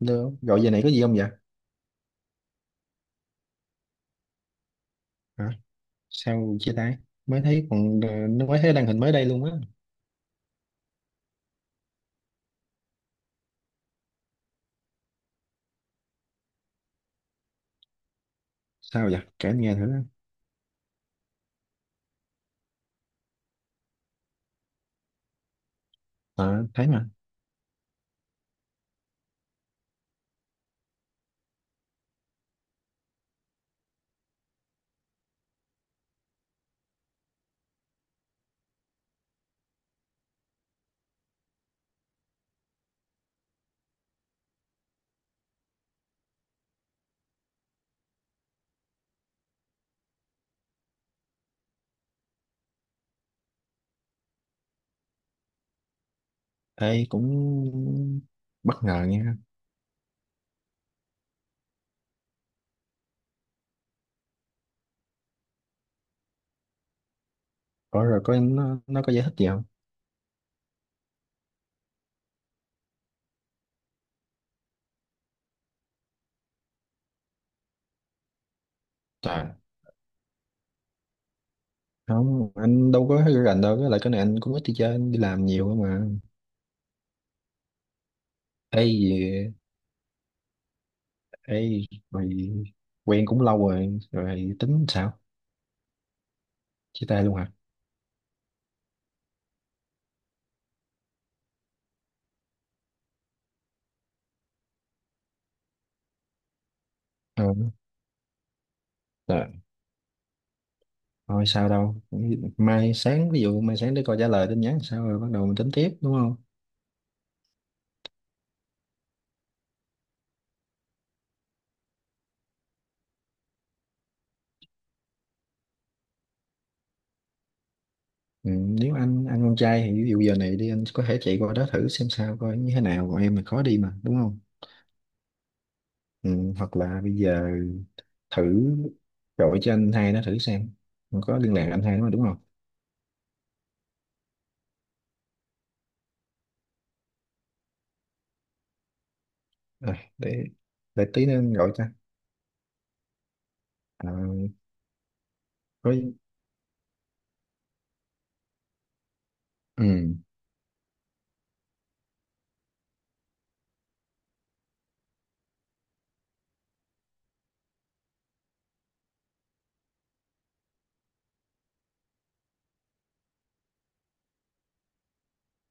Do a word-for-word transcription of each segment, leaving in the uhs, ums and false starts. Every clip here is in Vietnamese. Được. Gọi giờ này có gì không vậy? Hả? Sao chia tay? Mới thấy còn ờ, nó mới thấy đăng hình mới đây luôn á. Sao vậy? Kể anh nghe thử. Ờ, thấy mà. Ê, cũng bất ngờ nha. Có rồi có nó, nó có giải thích gì không? Trời, không, anh đâu có thấy rành đâu. Với lại cái này anh cũng ít đi chơi, anh đi làm nhiều cơ mà. Ê, gì- ê, Rồi quen cũng lâu rồi, rồi tính sao? Chia tay luôn hả? Ừ. Rồi, thôi sao đâu. Mai sáng, ví dụ mai sáng để coi trả lời tin nhắn sao, rồi bắt đầu mình tính tiếp, đúng không? Ừ, nếu anh anh con trai thì ví dụ giờ này đi, anh có thể chạy qua đó thử xem sao, coi như thế nào, còn em mình khó đi mà, đúng không? ừ, Hoặc là bây giờ thử gọi cho anh hai nó thử xem. Không có liên lạc anh hai nó mà, đúng không? à, để để tí nữa anh gọi cho. À, có. Ừ,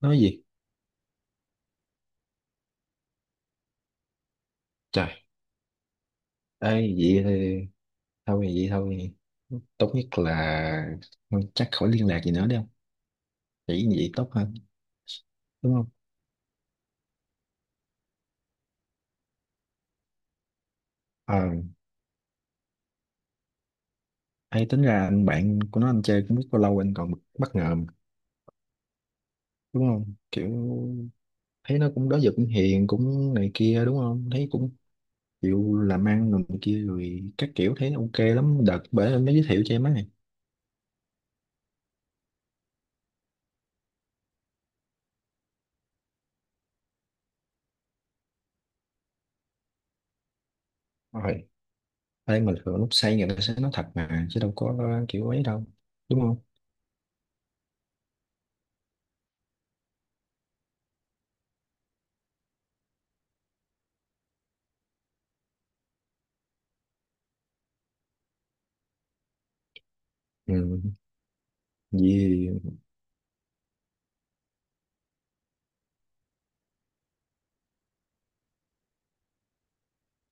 nói gì? Trời ơi, vậy thì thôi vậy thôi, tốt nhất là chắc khỏi liên lạc gì nữa đi, không chỉ vậy tốt hơn, đúng không? Ờ. Hay tính ra anh bạn của nó anh chơi cũng biết bao lâu, anh còn bất ngờ mà, đúng không? Kiểu thấy nó cũng đó giờ cũng hiền cũng này kia, đúng không? Thấy cũng chịu làm ăn rồi này kia rồi các kiểu, thấy nó ok lắm. Đợt bởi anh mới giới thiệu cho em ấy. Rồi. Đây mà thường lúc say người ta sẽ nói thật mà, chứ đâu có kiểu ấy đâu. Đúng không? Ừ. Vì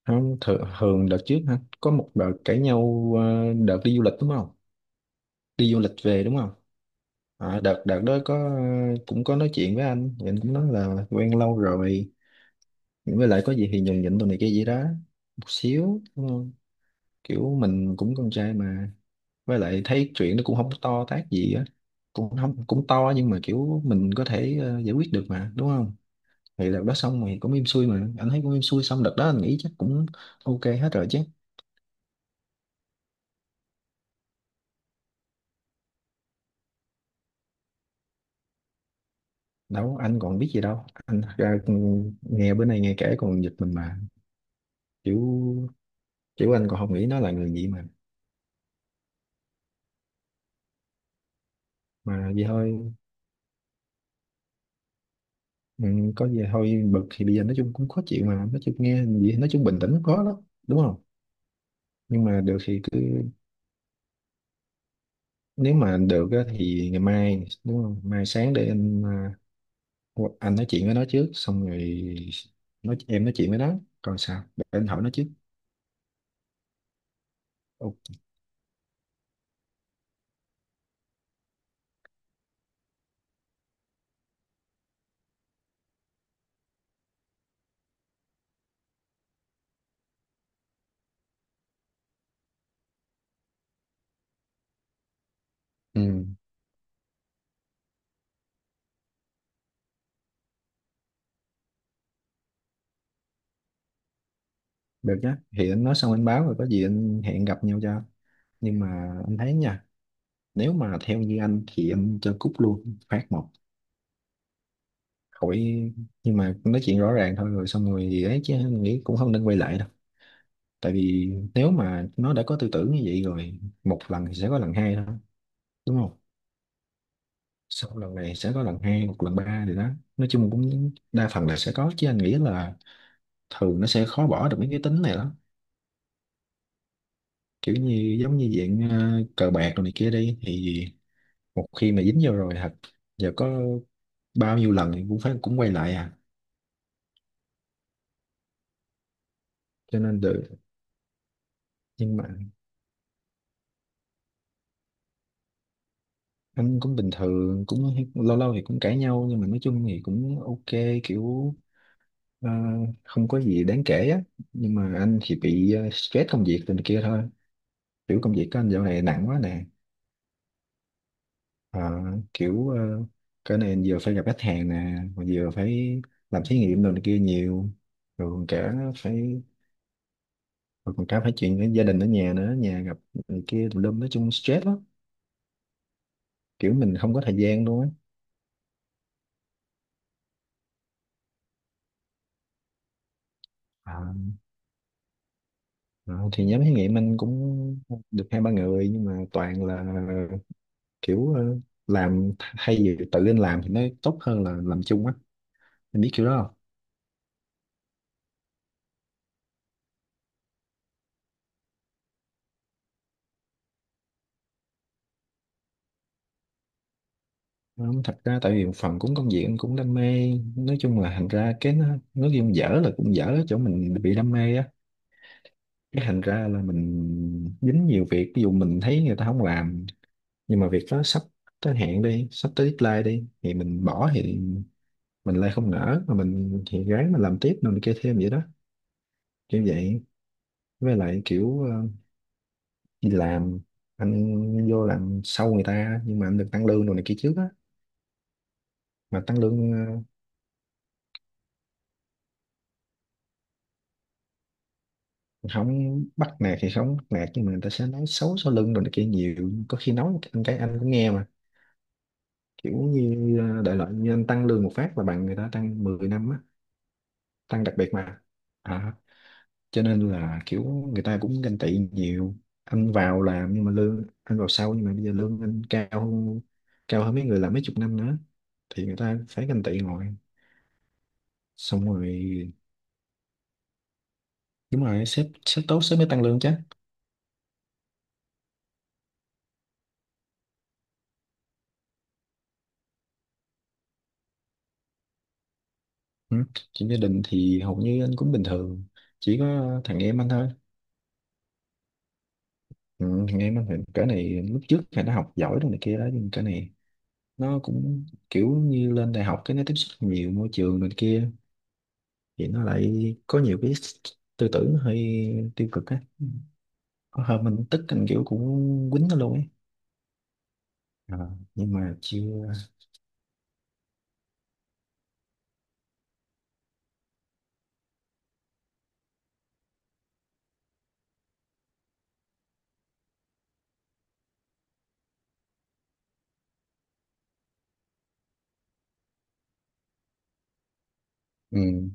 Không, thường, thường đợt trước hả? Có một đợt cãi nhau, ờ, đợt đi du lịch đúng không? Đi du lịch về đúng không? à, đợt đợt đó có, cũng có nói chuyện với anh, thì anh cũng nói là quen lâu rồi, với lại có gì thì nhường nhịn tụi này kia gì đó một xíu, đúng không? Kiểu mình cũng con trai mà, với lại thấy chuyện nó cũng không to tát gì á, cũng không cũng to, nhưng mà kiểu mình có thể ờ, giải quyết được mà, đúng không? Thì đợt đó xong thì cũng im xuôi mà, anh thấy cũng im xuôi, xong đợt đó anh nghĩ chắc cũng ok hết rồi chứ. Đâu anh còn biết gì đâu, anh ra ừ, nghe bữa nay nghe kể còn giật mình mà. Kiểu kiểu anh còn không nghĩ nó là người gì mà. Mà vậy thôi. ừ, có gì thôi, bực thì bây giờ nói chung cũng khó chịu mà, nói chung nghe gì nói chung bình tĩnh cũng khó lắm, đúng không? Nhưng mà được thì cứ, nếu mà được á, thì ngày mai đúng không, mai sáng để anh, à, anh nói chuyện với nó trước, xong rồi nói em nói chuyện với nó, còn sao để anh hỏi nó trước. Ok. Ừ, được nhá, thì anh nói xong anh báo, rồi có gì anh hẹn gặp nhau cho. Nhưng mà anh thấy nha, nếu mà theo như anh thì anh cho cúp luôn phát một, khỏi. Nhưng mà nói chuyện rõ ràng thôi, rồi xong rồi gì ấy, chứ mình nghĩ cũng không nên quay lại đâu. Tại vì nếu mà nó đã có tư tưởng như vậy rồi một lần thì sẽ có lần hai thôi, đúng không? Sau lần này sẽ có lần hai, một lần ba thì đó, nói chung cũng đa phần là sẽ có, chứ anh nghĩ là thường nó sẽ khó bỏ được mấy cái tính này lắm. Kiểu như giống như dạng ờ, cờ bạc rồi này kia đi, thì một khi mà dính vô rồi thật, giờ có bao nhiêu lần thì cũng phải cũng quay lại à. Cho nên được. Nhưng mà anh cũng bình thường, cũng lâu lâu thì cũng cãi nhau, nhưng mà nói chung thì cũng ok, kiểu ờ, không có gì đáng kể á. Nhưng mà anh thì bị ờ, stress công việc từ kia thôi, kiểu công việc của anh dạo này nặng quá nè. Ờ, kiểu ờ, cái này vừa phải gặp khách hàng nè, mà vừa phải làm thí nghiệm đồ này kia nhiều, rồi còn cả phải, rồi còn cả phải chuyện với gia đình ở nhà nữa, nhà gặp này kia tùm lum, nói chung stress lắm, kiểu mình không có thời gian luôn á. Ờ, thì nhóm thí nghiệm anh cũng được hai ba người, nhưng mà toàn là kiểu ờ, làm thay vì tự anh làm thì nó tốt hơn là làm chung á, anh biết kiểu đó không. Ờ, thật ra tại vì một phần cũng công việc anh cũng đam mê, nói chung là thành ra cái nó, nói chung dở là cũng dở ở chỗ mình bị đam mê á. Cái thành ra là mình dính nhiều việc, ví dụ mình thấy người ta không làm, nhưng mà việc đó sắp tới hạn đi, sắp tới deadline đi thì mình bỏ thì mình lại không nỡ, mà mình thì ráng mà làm tiếp, rồi mình kia thêm vậy đó, kiểu vậy. Với lại kiểu ờ, đi làm, anh vô làm sau người ta nhưng mà anh được tăng lương rồi này kia trước á, mà tăng lương. ờ, Không bắt nạt thì không bắt nạt, nhưng mà người ta sẽ nói xấu sau lưng rồi này kia nhiều, có khi nói anh cái anh cũng nghe mà. Kiểu như ờ, đại loại như anh tăng lương một phát là bằng người ta tăng mười năm á, tăng đặc biệt mà. à, cho nên là kiểu người ta cũng ganh tị nhiều, anh vào làm nhưng mà lương anh vào sau, nhưng mà bây giờ lương anh cao hơn- cao hơn mấy người làm mấy chục năm nữa, thì người ta phải ganh tị ngồi. Xong rồi đúng rồi, sếp sếp tốt sếp mới tăng lương chứ. Ừ. Chuyện gia đình thì hầu như anh cũng bình thường, chỉ có thằng em anh thôi. Ừ, thằng em anh thì cái này lúc trước thì nó học giỏi rồi này kia đó, nhưng cái này nó cũng kiểu như lên đại học cái nó tiếp xúc nhiều môi trường này kia, thì nó lại có nhiều cái tư tưởng hơi tiêu cực á, có hôm mình tức anh kiểu cũng quýnh nó luôn ấy. Ờ, nhưng mà chưa. Ừ.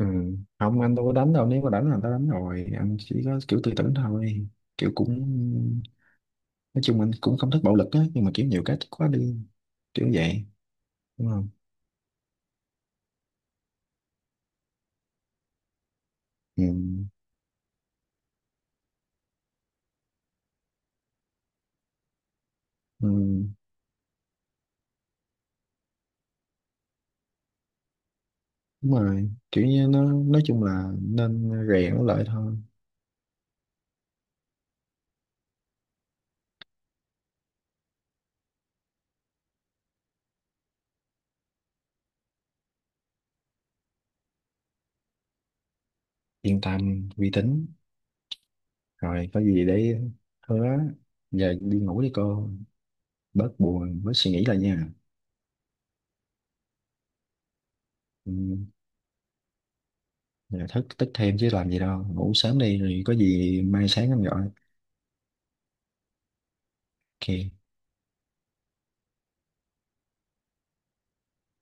Ừ. Không anh đâu có đánh đâu, nếu mà đánh là tao đánh rồi, anh chỉ có kiểu tư tưởng thôi, kiểu cũng nói chung anh cũng không thích bạo lực á, nhưng mà kiểu nhiều cái thích quá đi, kiểu vậy, đúng không? Ừ. Ừ. Đúng rồi, kiểu như nó nói chung là nên rèn nó lại thôi. Yên tâm, uy tín. Rồi có gì để, hứa. Giờ đi ngủ đi cô, bớt buồn bớt suy nghĩ lại nha. Ừ. Giờ thức tức thêm chứ làm gì đâu, ngủ sớm đi, rồi có gì mai sáng anh gọi. Ok.